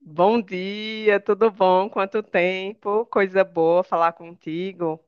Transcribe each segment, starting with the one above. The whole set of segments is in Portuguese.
Bom dia, tudo bom? Quanto tempo? Coisa boa falar contigo.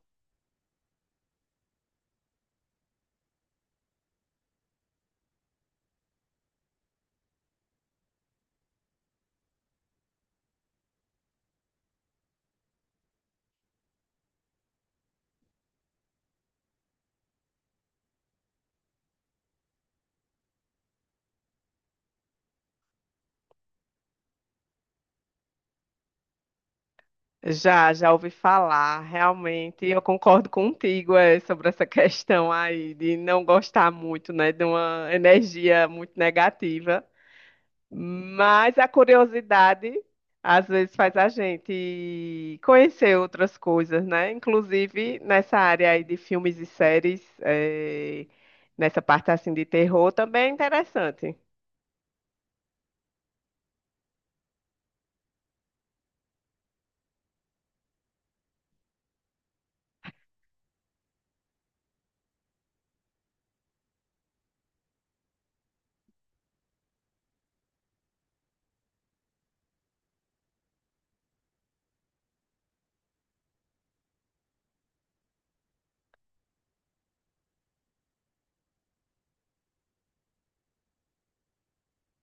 Já ouvi falar, realmente. Eu concordo contigo, é, sobre essa questão aí de não gostar muito, né, de uma energia muito negativa. Mas a curiosidade às vezes faz a gente conhecer outras coisas, né? Inclusive nessa área aí de filmes e séries, nessa parte assim de terror também é interessante.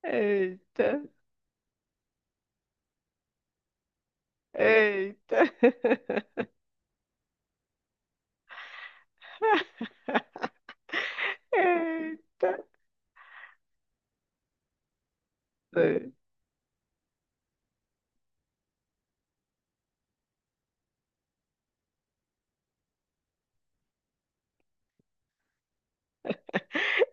Eita. Eita. Eita.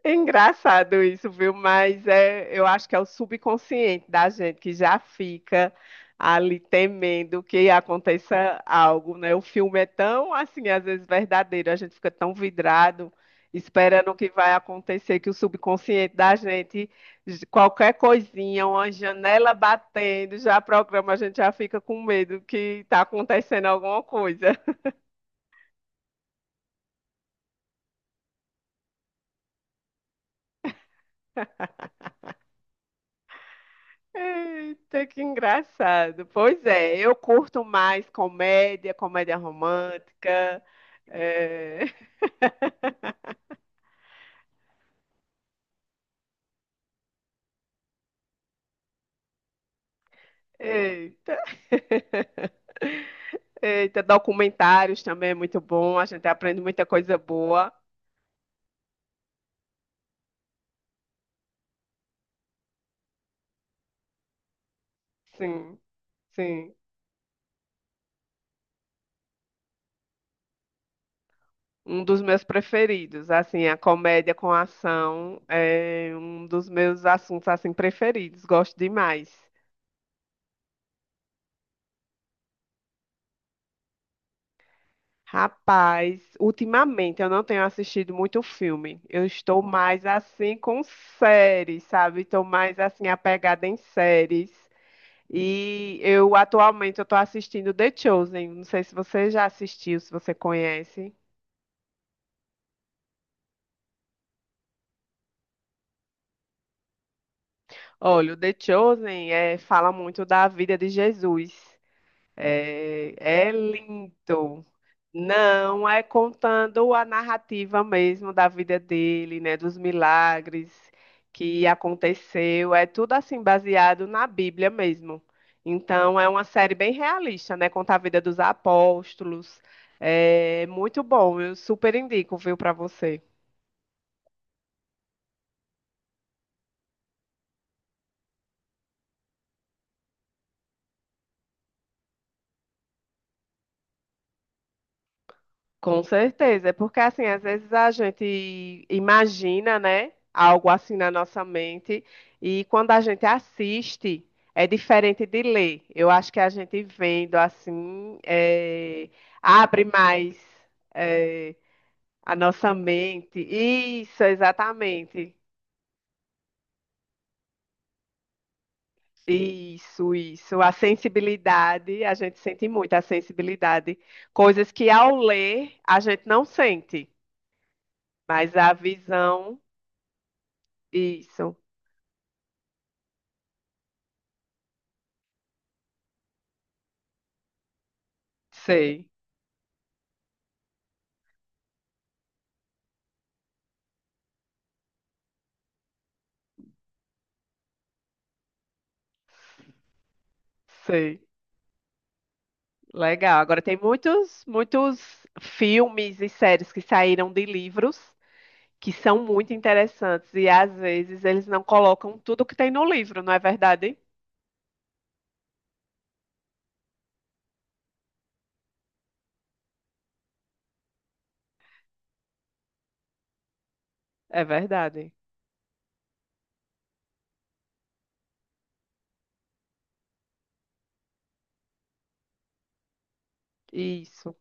É engraçado isso, viu? Mas é, eu acho que é o subconsciente da gente que já fica ali temendo que aconteça algo, né? O filme é tão, assim, às vezes verdadeiro, a gente fica tão vidrado esperando o que vai acontecer, que o subconsciente da gente, qualquer coisinha, uma janela batendo, já programa, a gente já fica com medo que está acontecendo alguma coisa. Eita, que engraçado. Pois é, eu curto mais comédia, comédia romântica. É. Eita. Eita, documentários também é muito bom. A gente aprende muita coisa boa. Sim, sim. Um dos meus preferidos, assim, a comédia com ação é um dos meus assuntos assim preferidos. Gosto demais. Rapaz, ultimamente eu não tenho assistido muito filme. Eu estou mais assim com séries, sabe? Estou mais assim apegada em séries. E eu atualmente eu estou assistindo The Chosen. Não sei se você já assistiu, se você conhece. Olha, o The Chosen fala muito da vida de Jesus. É, é lindo. Não, é contando a narrativa mesmo da vida dele, né, dos milagres que aconteceu, é tudo assim baseado na Bíblia mesmo. Então é uma série bem realista, né, conta a vida dos apóstolos. É muito bom, eu super indico, viu, para você. Com certeza, é porque assim, às vezes a gente imagina, né, algo assim na nossa mente, e quando a gente assiste, é diferente de ler. Eu acho que a gente vendo assim, é, abre mais, é, a nossa mente. Isso, exatamente. Isso, isso. A sensibilidade, a gente sente muito a sensibilidade. Coisas que ao ler a gente não sente, mas a visão, isso. Sei, sei. Legal. Agora tem muitos, muitos filmes e séries que saíram de livros que são muito interessantes e às vezes eles não colocam tudo que tem no livro, não é verdade? É verdade. Isso,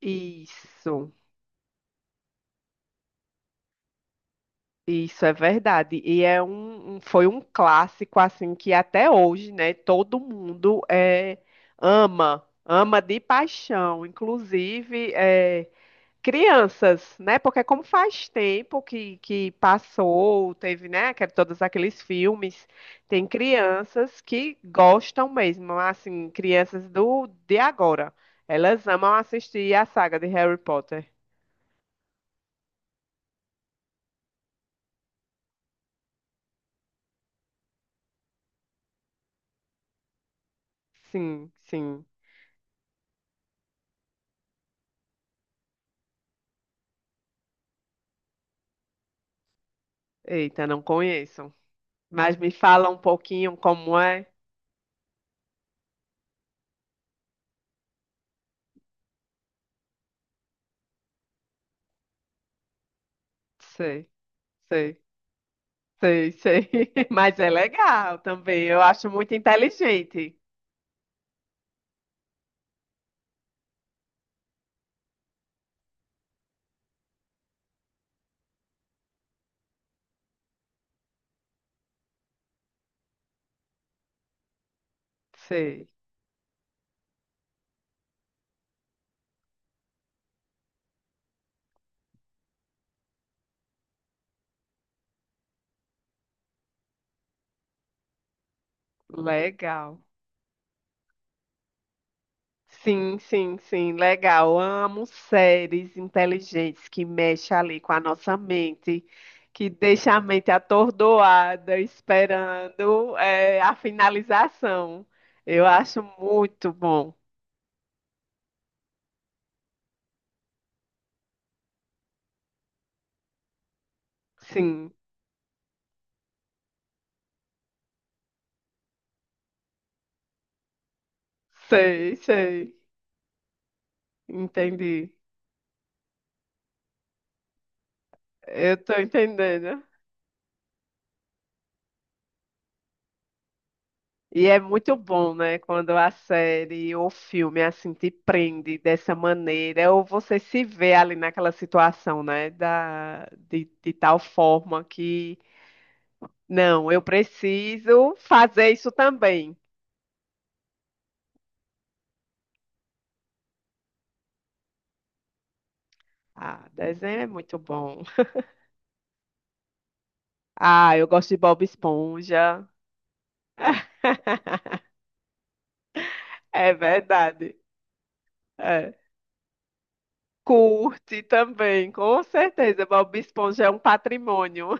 isso, isso é verdade. E é foi um clássico assim que até hoje, né, todo mundo é, ama, ama de paixão. Inclusive, crianças, né? Porque é como faz tempo que passou, teve, né, é todos aqueles filmes, tem crianças que gostam mesmo, assim, crianças do de agora. Elas amam assistir a saga de Harry Potter. Sim, sim. Eita, não conheço. Mas me fala um pouquinho como é. Sei, sei, sei. Mas é legal também. Eu acho muito inteligente. Sei. Legal. Sim, sim, sim, legal. Amo séries inteligentes que mexem ali com a nossa mente, que deixa a mente atordoada, esperando a finalização. Eu acho muito bom. Sim, sei, sei, entendi. Eu tô entendendo. E é muito bom, né, quando a série ou filme assim te prende dessa maneira, ou você se vê ali naquela situação, né, de tal forma que, não, eu preciso fazer isso também. Ah, desenho é muito bom. Ah, eu gosto de Bob Esponja. É verdade. É. Curte também, com certeza. Bob Esponja é um patrimônio.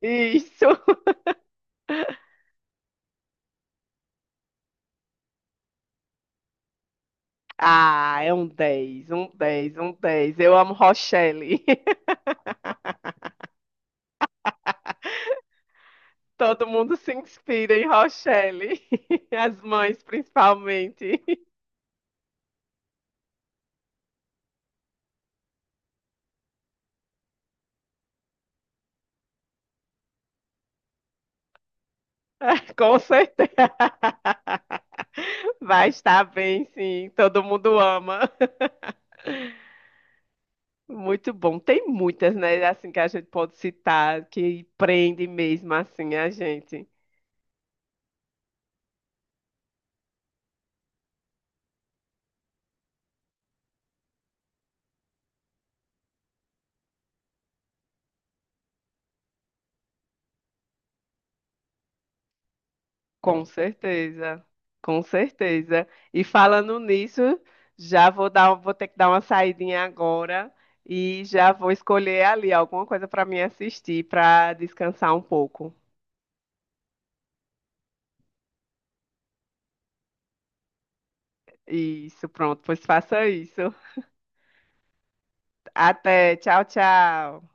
Isso. Ah, é um dez, um 10, um 10. Eu amo Rochelle. Todo mundo se inspira em Rochelle. As mães, principalmente. Ah, com certeza. Vai estar bem, sim. Todo mundo ama. Muito bom. Tem muitas, né? Assim que a gente pode citar, que prende mesmo assim a gente. Com certeza, com certeza. E falando nisso, vou ter que dar uma saidinha agora e já vou escolher ali alguma coisa para me assistir, para descansar um pouco. Isso, pronto, pois faça isso. Até, tchau, tchau.